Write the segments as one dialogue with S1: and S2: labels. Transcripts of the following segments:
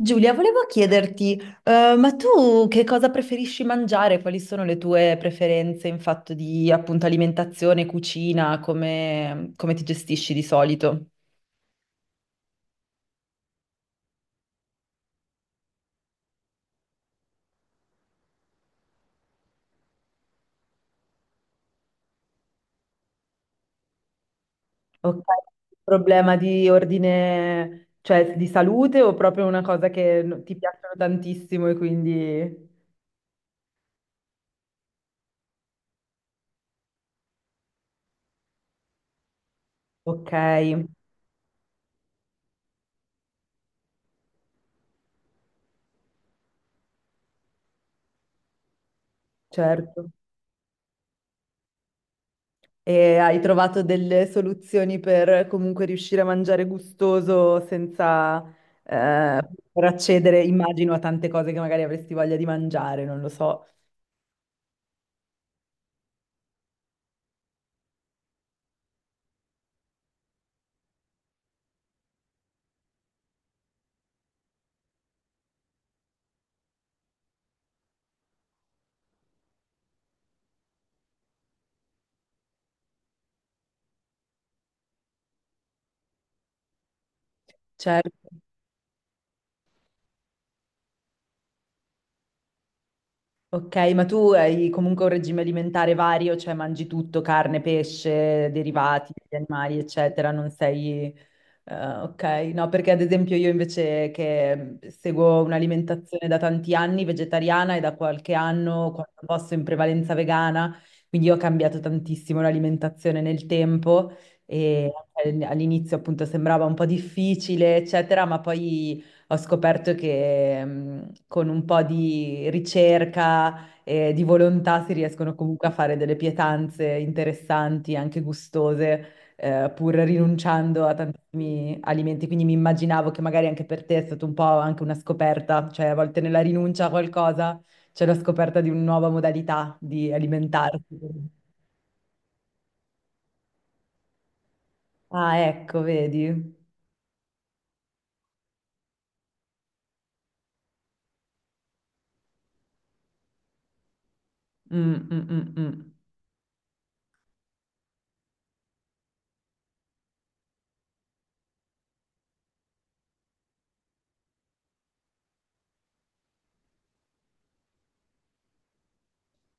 S1: Giulia, volevo chiederti, ma tu che cosa preferisci mangiare? Quali sono le tue preferenze in fatto di appunto alimentazione, cucina? Come ti gestisci di solito? Ok, problema di ordine, cioè di salute o proprio una cosa che ti piacciono tantissimo e quindi... Ok, certo. E hai trovato delle soluzioni per comunque riuscire a mangiare gustoso senza eh, per accedere, immagino, a tante cose che magari avresti voglia di mangiare, non lo so. Certo. Ok, ma tu hai comunque un regime alimentare vario, cioè mangi tutto, carne, pesce, derivati, gli animali, eccetera, non sei... eh, ok, no, perché ad esempio io invece che seguo un'alimentazione da tanti anni vegetariana e da qualche anno, quando posso, in prevalenza vegana, quindi ho cambiato tantissimo l'alimentazione nel tempo e anche all'inizio appunto sembrava un po' difficile, eccetera, ma poi... Ho scoperto che con un po' di ricerca e di volontà si riescono comunque a fare delle pietanze interessanti, anche gustose, pur rinunciando a tantissimi alimenti. Quindi mi immaginavo che magari anche per te è stata un po' anche una scoperta, cioè a volte nella rinuncia a qualcosa c'è la scoperta di una nuova modalità di alimentarsi. Ah, ecco, vedi. Mm, mm, mm, mm.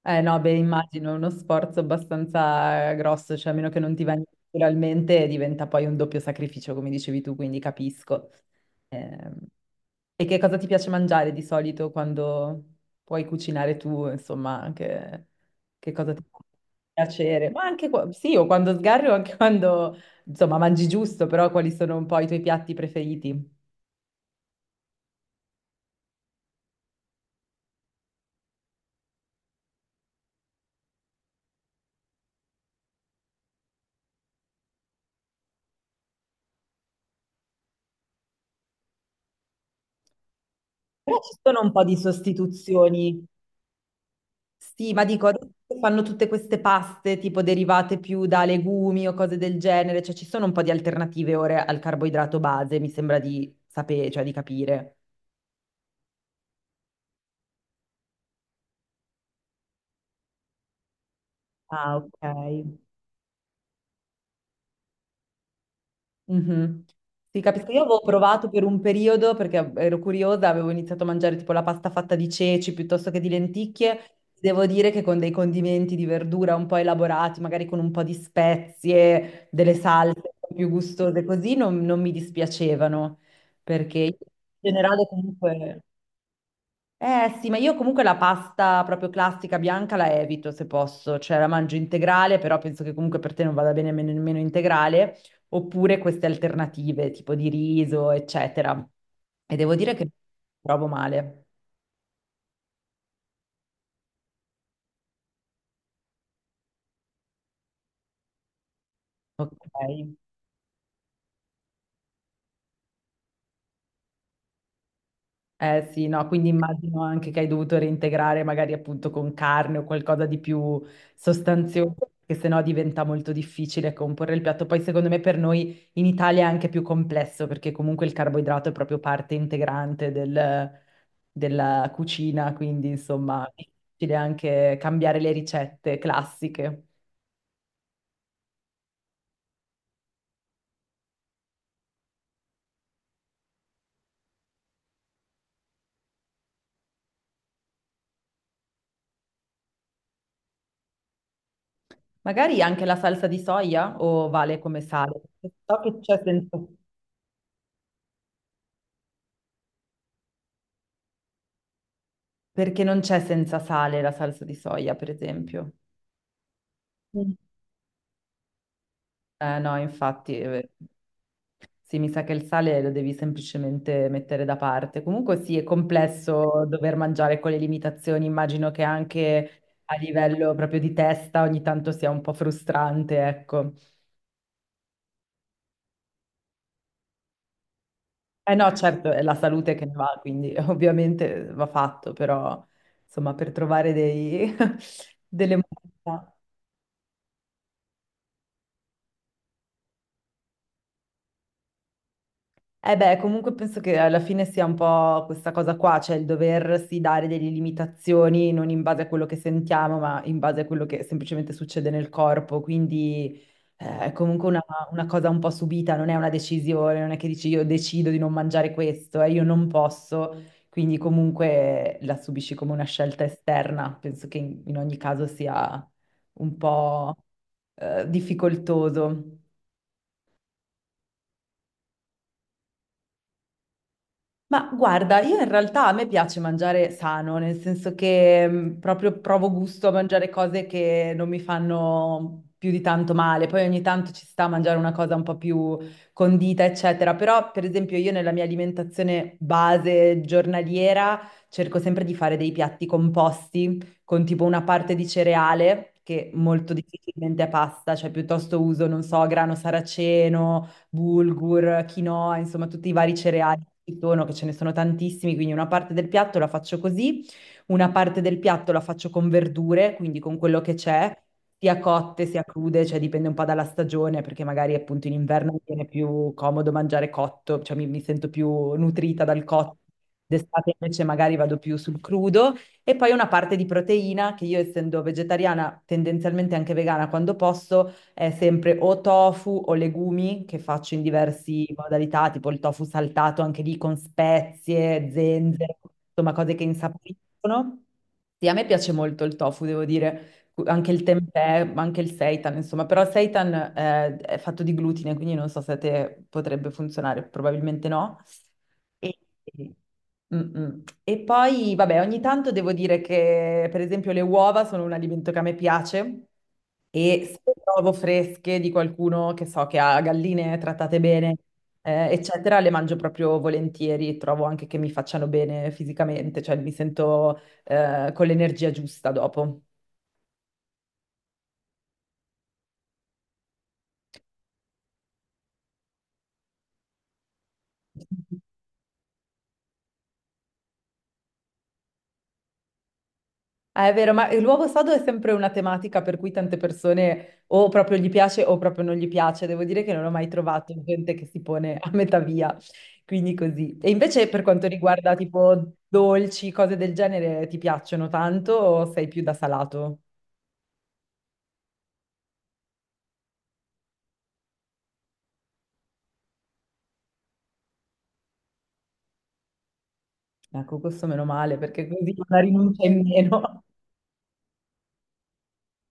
S1: Eh no, beh, immagino è uno sforzo abbastanza grosso, cioè a meno che non ti venga naturalmente diventa poi un doppio sacrificio, come dicevi tu, quindi capisco. Ehm, E che cosa ti piace mangiare di solito quando puoi cucinare tu, insomma, anche che cosa ti fa piacere? Ma anche sì, o quando sgarri o anche quando, insomma, mangi giusto, però quali sono un po' i tuoi piatti preferiti? Però ci sono un po' di sostituzioni. Sì, ma dico, adesso fanno tutte queste paste tipo derivate più da legumi o cose del genere, cioè ci sono un po' di alternative ora al carboidrato base, mi sembra di sapere, cioè di capire. Ah, ok. Mhm. Sì, capisco. Io avevo provato per un periodo perché ero curiosa, avevo iniziato a mangiare tipo la pasta fatta di ceci piuttosto che di lenticchie. Devo dire che con dei condimenti di verdura un po' elaborati, magari con un po' di spezie, delle salse un po' più gustose, così non mi dispiacevano, perché in generale comunque... Eh sì, ma io comunque la pasta proprio classica bianca la evito se posso, cioè la mangio integrale, però penso che comunque per te non vada bene nemmeno integrale, oppure queste alternative tipo di riso, eccetera. E devo dire che provo male. Ok. Eh sì, no, quindi immagino anche che hai dovuto reintegrare magari appunto con carne o qualcosa di più sostanzioso, perché sennò diventa molto difficile comporre il piatto. Poi secondo me per noi in Italia è anche più complesso perché comunque il carboidrato è proprio parte integrante della cucina, quindi insomma è difficile anche cambiare le ricette classiche. Magari anche la salsa di soia o vale come sale? So che c'è perché non c'è senza sale la salsa di soia, per esempio. Mm. No, infatti, sì, mi sa che il sale lo devi semplicemente mettere da parte. Comunque sì, è complesso dover mangiare con le limitazioni, immagino che anche a livello proprio di testa ogni tanto sia un po' frustrante, ecco. Eh no, certo, è la salute che ne va, quindi ovviamente va fatto, però insomma, per trovare dei, delle modalità. Eh beh, comunque penso che alla fine sia un po' questa cosa qua, cioè il doversi dare delle limitazioni non in base a quello che sentiamo, ma in base a quello che semplicemente succede nel corpo. Quindi è comunque una cosa un po' subita, non è una decisione, non è che dici io decido di non mangiare questo, io non posso, quindi comunque la subisci come una scelta esterna. Penso che in ogni caso sia un po' difficoltoso. Ma guarda, io in realtà a me piace mangiare sano, nel senso che proprio provo gusto a mangiare cose che non mi fanno più di tanto male. Poi ogni tanto ci sta a mangiare una cosa un po' più condita, eccetera. Però, per esempio, io nella mia alimentazione base giornaliera cerco sempre di fare dei piatti composti con tipo una parte di cereale, che molto difficilmente è pasta, cioè piuttosto uso, non so, grano saraceno, bulgur, quinoa, insomma tutti i vari cereali che ci sono, che ce ne sono tantissimi, quindi una parte del piatto la faccio così, una parte del piatto la faccio con verdure, quindi con quello che c'è, sia cotte sia crude, cioè dipende un po' dalla stagione, perché magari appunto in inverno mi viene più comodo mangiare cotto, cioè mi sento più nutrita dal cotto. D'estate invece magari vado più sul crudo e poi una parte di proteina che io essendo vegetariana, tendenzialmente anche vegana quando posso, è sempre o tofu o legumi che faccio in diverse modalità, tipo il tofu saltato anche lì con spezie, zenzero, insomma cose che insaporiscono. Sì, a me piace molto il tofu, devo dire, anche il tempeh, ma anche il seitan, insomma, però il seitan è fatto di glutine, quindi non so se a te potrebbe funzionare, probabilmente no. E, mm, mm. E poi, vabbè, ogni tanto devo dire che, per esempio, le uova sono un alimento che a me piace e se le trovo fresche di qualcuno che so che ha galline trattate bene, eccetera, le mangio proprio volentieri, trovo anche che mi facciano bene fisicamente, cioè mi sento, con l'energia giusta dopo. Ah, è vero, ma l'uovo sodo è sempre una tematica per cui tante persone o proprio gli piace o proprio non gli piace. Devo dire che non ho mai trovato gente che si pone a metà via, quindi così. E invece per quanto riguarda tipo dolci, cose del genere, ti piacciono tanto o sei più da salato? Ecco, questo meno male perché così è una rinuncia in meno.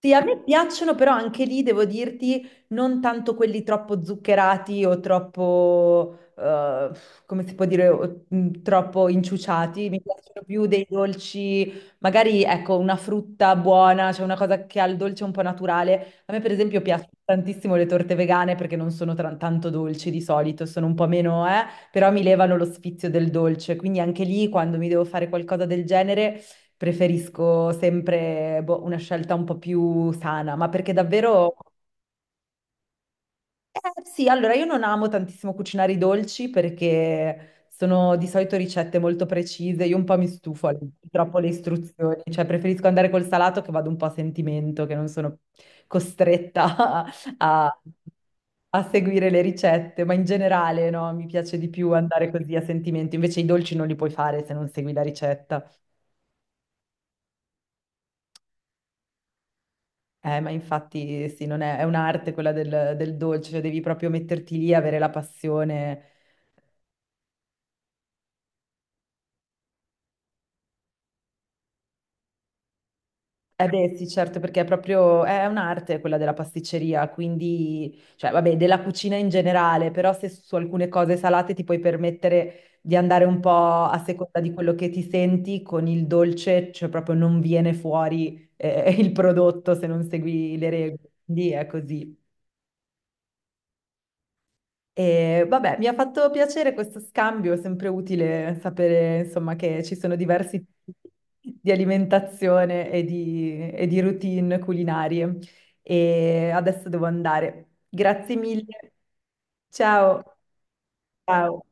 S1: Sì, a me piacciono, però anche lì devo dirti, non tanto quelli troppo zuccherati o troppo, come si può dire, troppo inciuciati. Mi piacciono più dei dolci, magari ecco, una frutta buona, cioè una cosa che ha il dolce un po' naturale. A me, per esempio, piacciono tantissimo le torte vegane perché non sono tanto dolci di solito, sono un po' meno, però mi levano lo sfizio del dolce. Quindi anche lì, quando mi devo fare qualcosa del genere. Preferisco sempre boh, una scelta un po' più sana, ma perché davvero... sì, allora io non amo tantissimo cucinare i dolci perché sono di solito ricette molto precise, io un po' mi stufo a leggere troppo le istruzioni, cioè preferisco andare col salato che vado un po' a sentimento, che non sono costretta a, a seguire le ricette, ma in generale no, mi piace di più andare così a sentimento, invece i dolci non li puoi fare se non segui la ricetta. Ma infatti sì, non è, è un'arte quella del dolce, cioè devi proprio metterti lì, avere la passione. Eh beh, sì, certo, perché è proprio, è un'arte quella della pasticceria, quindi, cioè, vabbè, della cucina in generale, però se su alcune cose salate ti puoi permettere di andare un po' a seconda di quello che ti senti, con il dolce, cioè proprio non viene fuori, il prodotto se non segui le regole. Quindi è così. E vabbè, mi ha fatto piacere questo scambio, è sempre utile sapere, insomma, che ci sono diversi tipi di alimentazione e e di routine culinarie. E adesso devo andare. Grazie mille. Ciao. Ciao.